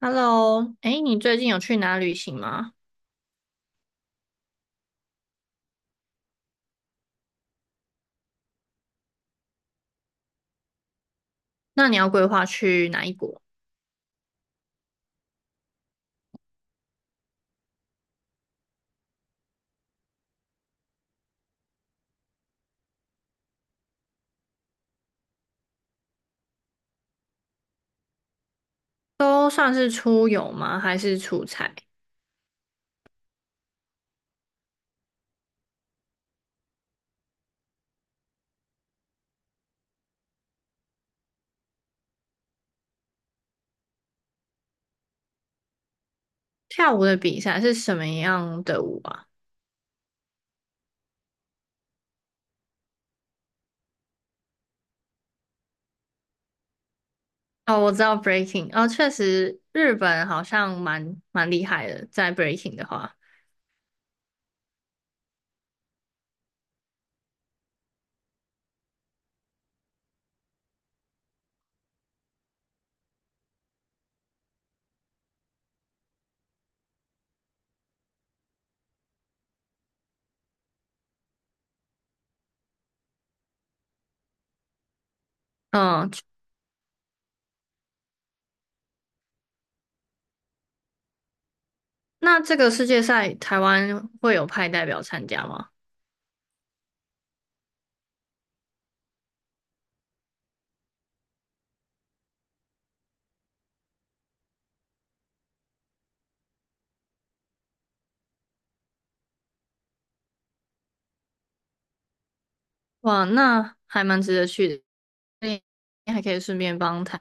Hello，哎，你最近有去哪旅行吗？那你要规划去哪一国？都算是出游吗？还是出差？跳舞的比赛是什么样的舞啊？哦，我知道 breaking。哦，确实日本好像蛮厉害的，在 breaking 的话。嗯，那这个世界赛台湾会有派代表参加吗？哇，那还蛮值得去的，你还可以顺便帮台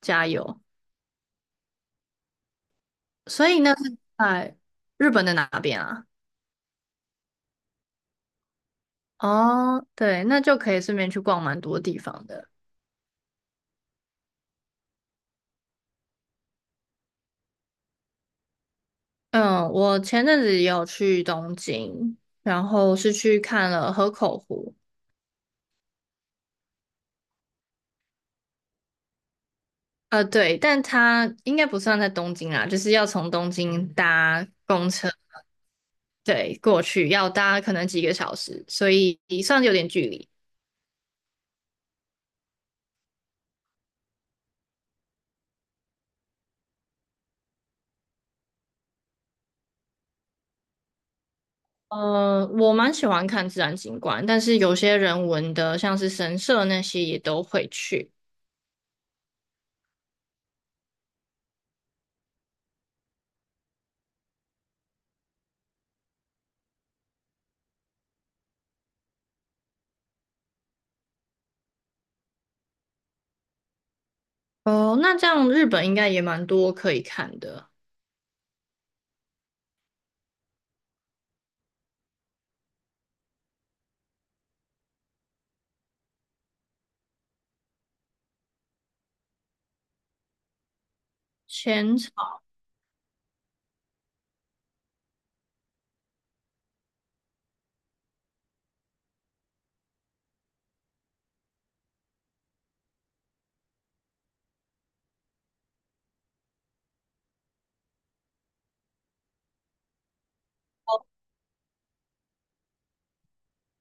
加油。所以那是在日本的哪边啊？哦，对，那就可以顺便去逛蛮多地方的。嗯，我前阵子也有去东京，然后是去看了河口湖。呃，对，但它应该不算在东京啦，就是要从东京搭公车，对，过去要搭可能几个小时，所以算是有点距离。呃，我蛮喜欢看自然景观，但是有些人文的，像是神社那些也都会去。哦，那这样日本应该也蛮多可以看的。前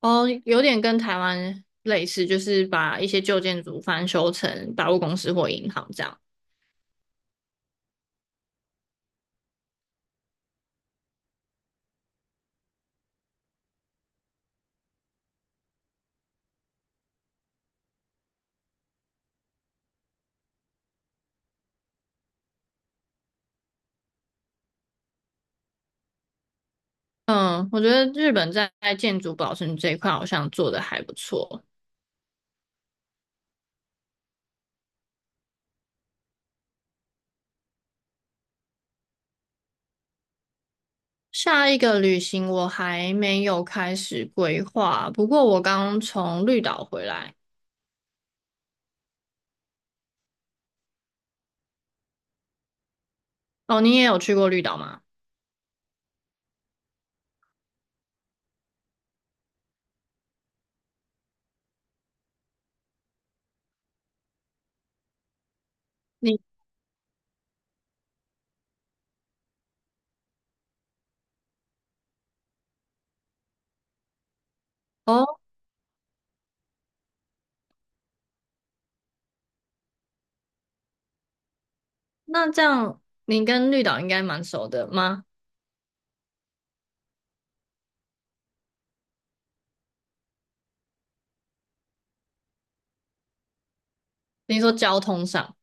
哦，有点跟台湾类似，就是把一些旧建筑翻修成百货公司或银行这样。嗯，我觉得日本在建筑保存这一块好像做得还不错。下一个旅行我还没有开始规划，不过我刚从绿岛回来。哦，你也有去过绿岛吗？你哦，那这样你跟绿岛应该蛮熟的吗？你说交通上。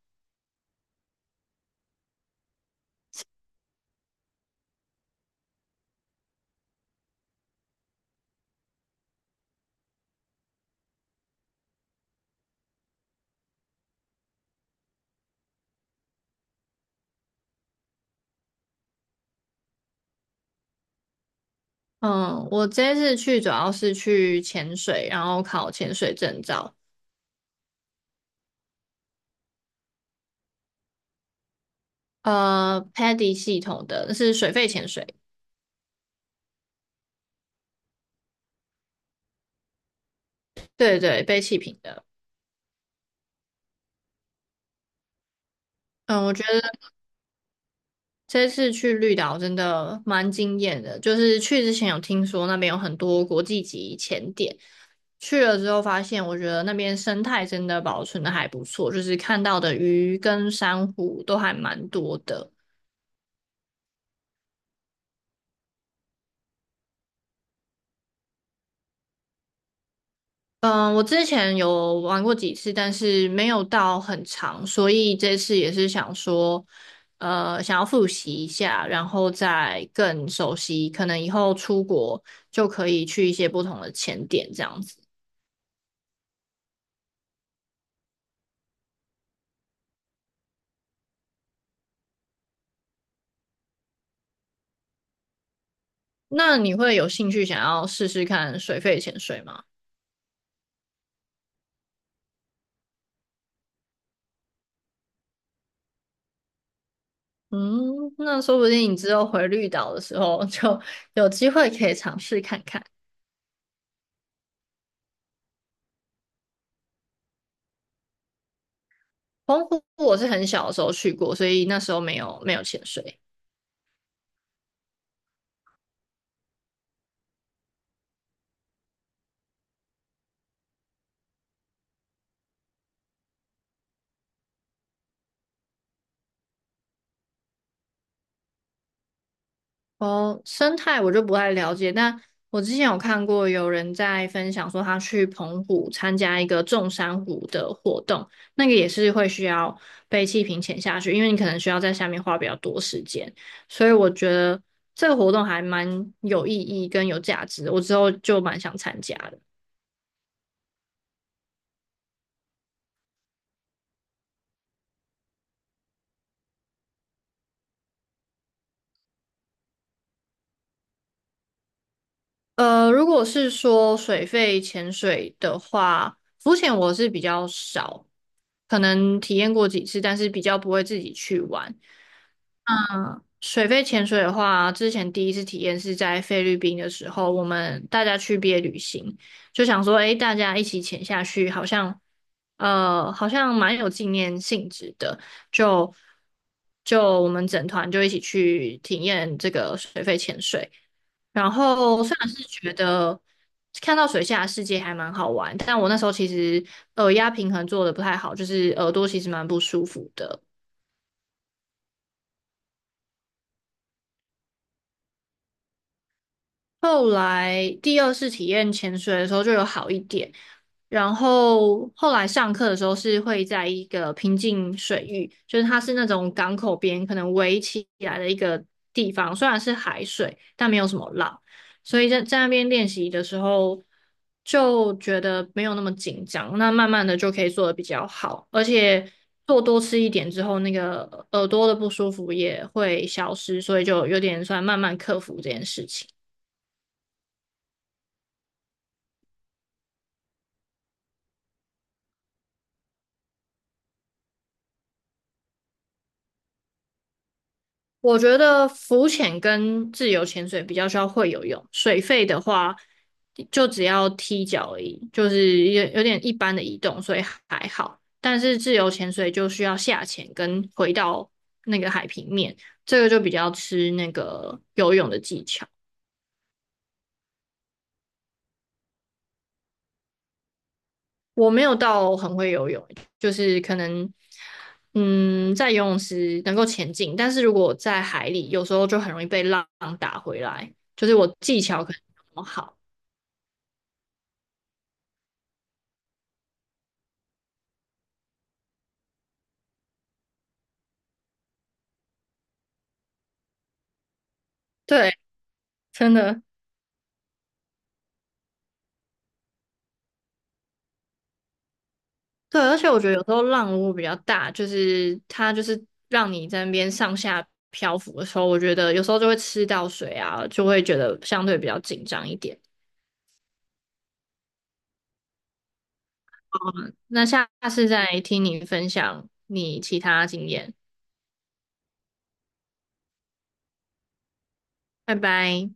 嗯，我这次去主要是去潜水，然后考潜水证照。呃，Paddy 系统的是水肺潜水。对对，背气瓶的。嗯，我觉得这次去绿岛真的蛮惊艳的，就是去之前有听说那边有很多国际级潜点，去了之后发现，我觉得那边生态真的保存的还不错，就是看到的鱼跟珊瑚都还蛮多的。嗯，我之前有玩过几次，但是没有到很长，所以这次也是想说，想要复习一下，然后再更熟悉，可能以后出国就可以去一些不同的潜点这样子。那你会有兴趣想要试试看水肺潜水吗？嗯，那说不定你之后回绿岛的时候就有机会可以尝试看看。澎湖我是很小的时候去过，所以那时候没有潜水。哦，生态我就不太了解，但我之前有看过有人在分享说，他去澎湖参加一个种珊瑚的活动，那个也是会需要被气瓶潜下去，因为你可能需要在下面花比较多时间，所以我觉得这个活动还蛮有意义跟有价值的，我之后就蛮想参加的。如果是说水费潜水的话，浮潜我是比较少，可能体验过几次，但是比较不会自己去玩。水肺潜水的话，之前第一次体验是在菲律宾的时候，我们大家去毕业旅行，就想说，诶，大家一起潜下去，好像，好像蛮有纪念性质的，就就我们整团就一起去体验这个水肺潜水。然后虽然是觉得看到水下的世界还蛮好玩，但我那时候其实耳压平衡做的不太好，就是耳朵其实蛮不舒服的。后来第二次体验潜水的时候就有好一点，然后后来上课的时候是会在一个平静水域，就是它是那种港口边可能围起来的一个地方，虽然是海水，但没有什么浪，所以在那边练习的时候就觉得没有那么紧张，那慢慢的就可以做的比较好，而且做多吃一点之后，那个耳朵的不舒服也会消失，所以就有点算慢慢克服这件事情。我觉得浮潜跟自由潜水比较需要会游泳，水肺的话就只要踢脚而已，就是有点一般的移动，所以还好。但是自由潜水就需要下潜跟回到那个海平面，这个就比较吃那个游泳的技巧。我没有到很会游泳，就是可能嗯在游泳池能够前进，但是如果在海里，有时候就很容易被浪打回来，就是我技巧可能没有那么好。对，真的。对，而且我觉得有时候浪如果比较大，就是它就是让你在那边上下漂浮的时候，我觉得有时候就会吃到水啊，就会觉得相对比较紧张一点。那下次再听你分享你其他经验。拜拜。